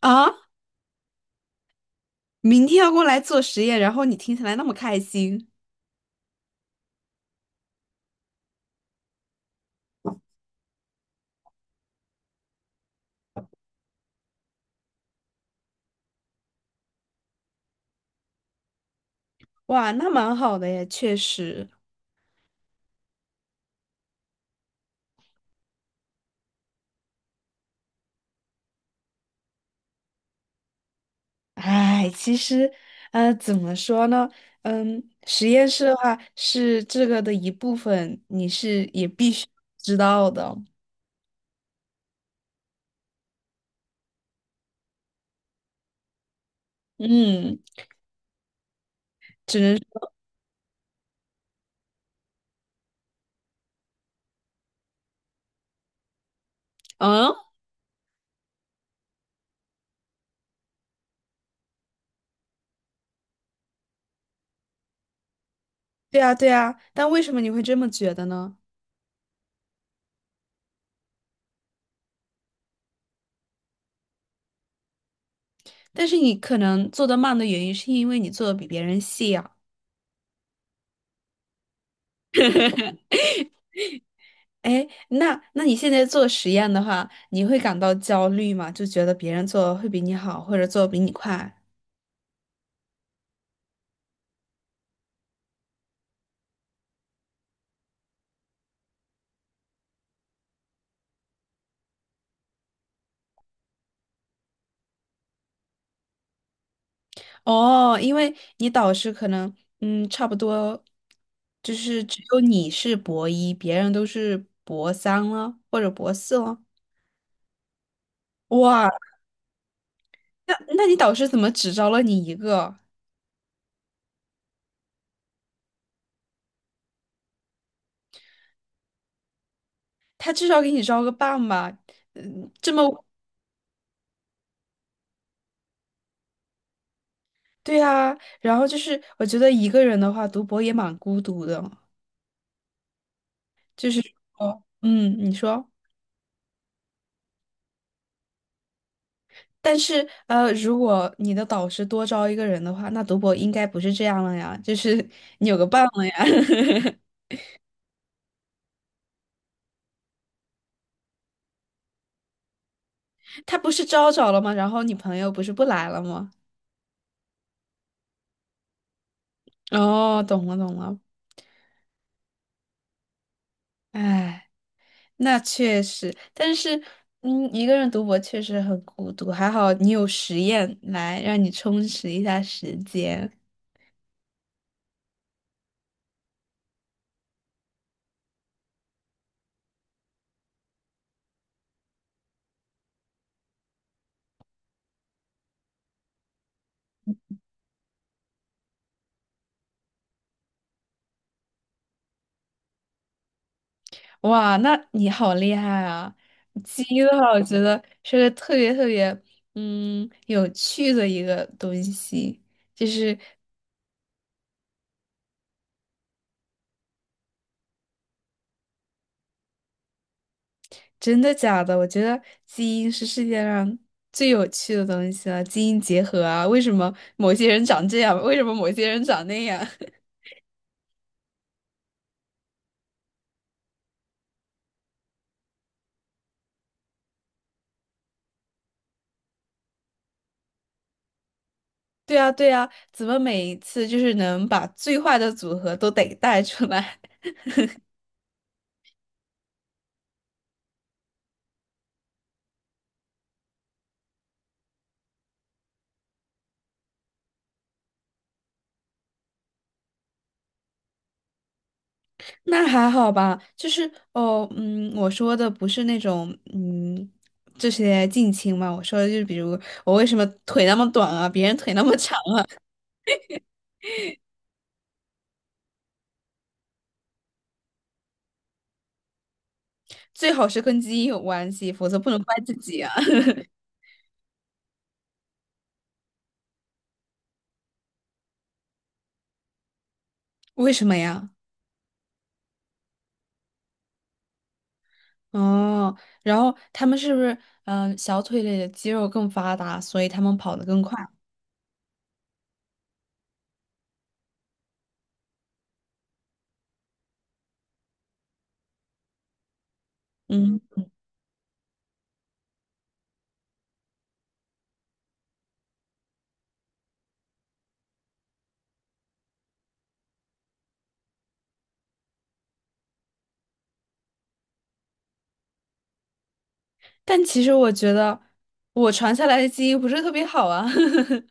啊，明天要过来做实验，然后你听起来那么开心。哇，那蛮好的耶，确实。哎，其实，怎么说呢？嗯，实验室的话是这个的一部分，你是也必须知道的。嗯，只能，嗯，对啊，对啊。但为什么你会这么觉得呢？但是你可能做得慢的原因，是因为你做的比别人细啊。哎，那你现在做实验的话，你会感到焦虑吗？就觉得别人做会比你好，或者做得比你快？哦，因为你导师可能，嗯，差不多，就是只有你是博一，别人都是博三了，或者博四了。哇，那你导师怎么只招了你一个？他至少给你招个半吧？嗯，这么，对啊。然后就是，我觉得一个人的话，读博也蛮孤独的。哦，嗯，你说。但是，如果你的导师多招一个人的话，那读博应该不是这样了呀，就是你有个伴了呀。他不是招着了吗？然后你朋友不是不来了吗？哦，懂了懂了。哎，那确实，但是，嗯，一个人读博确实很孤独。还好你有实验来让你充实一下时间。哇，那你好厉害啊！基因的话，我觉得是个特别特别有趣的一个东西，就是真的假的？我觉得基因是世界上最有趣的东西了，基因结合啊，为什么某些人长这样，为什么某些人长那样？对啊，对啊，怎么每一次就是能把最坏的组合都得带出来？那还好吧，就是哦，嗯，我说的不是那种，嗯，这些近亲嘛，我说的就是比如我为什么腿那么短啊，别人腿那么长。最好是跟基因有关系，否则不能怪自己啊。为什么呀？哦，然后他们是不是小腿里的肌肉更发达，所以他们跑得更快？嗯，但其实我觉得我传下来的基因不是特别好啊。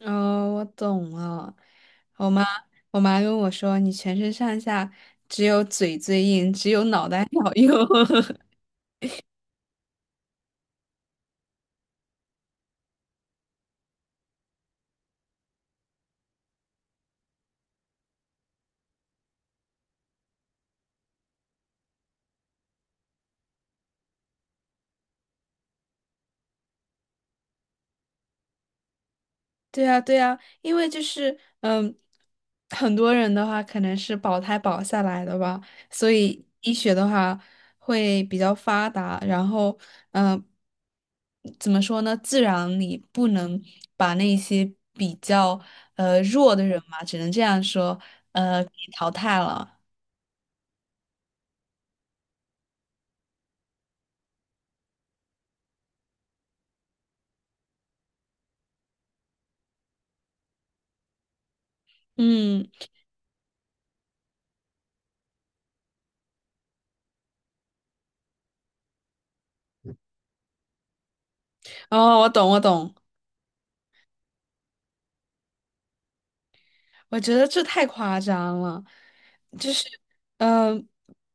哦，我懂了。我妈，我妈跟我说，你全身上下只有嘴最硬，只有脑袋好用。对啊，对啊，因为就是嗯，很多人的话可能是保胎保下来的吧，所以医学的话会比较发达。然后，嗯、怎么说呢？自然你不能把那些比较弱的人嘛，只能这样说，呃，给淘汰了。嗯。哦，我懂，我懂，我觉得这太夸张了，就是，嗯、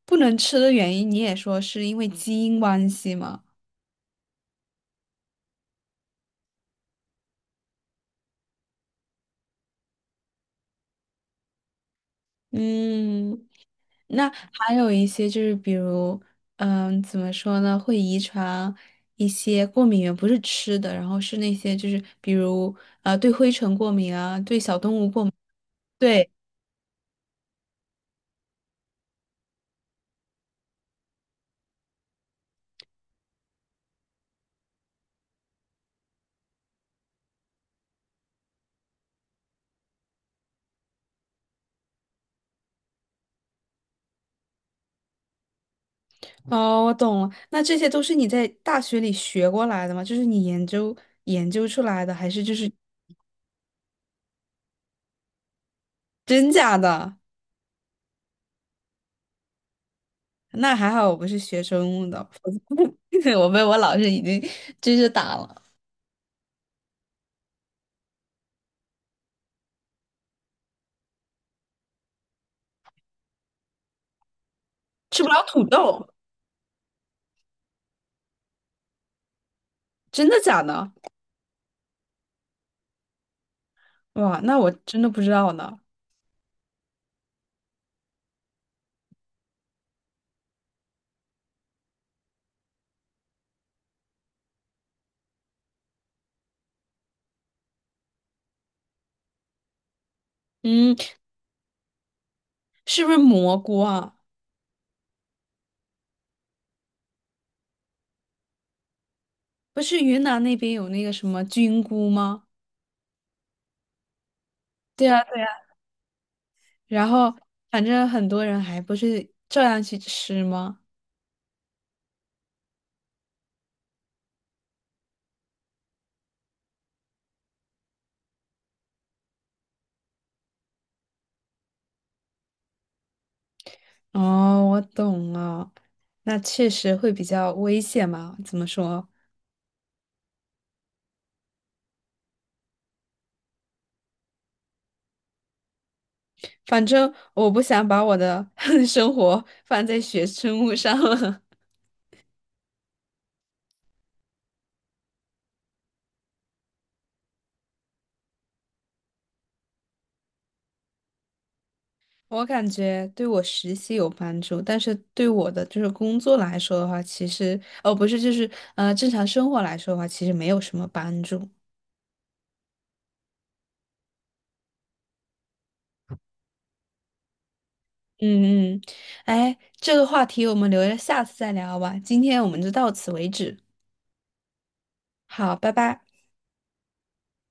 不能吃的原因，你也说是因为基因关系嘛？嗯，那还有一些就是，比如，怎么说呢，会遗传一些过敏源，不是吃的，然后是那些就是，比如，对灰尘过敏啊，对小动物过敏。对，哦，我懂了，那这些都是你在大学里学过来的吗？就是你研究出来的，还是就是？真假的？那还好我不是学生物的，我被我老师已经追是打了。吃不了土豆，真的假的？哇，那我真的不知道呢。嗯，是不是蘑菇啊？不是云南那边有那个什么菌菇吗？对呀对呀，然后反正很多人还不是照样去吃吗？哦，我懂了，那确实会比较危险嘛？怎么说？反正我不想把我的 生活放在学生物上了。我感觉对我实习有帮助，但是对我的就是工作来说的话，其实哦不是，就是正常生活来说的话，其实没有什么帮助。嗯嗯，哎，这个话题我们留着下次再聊吧，今天我们就到此为止。好，拜拜。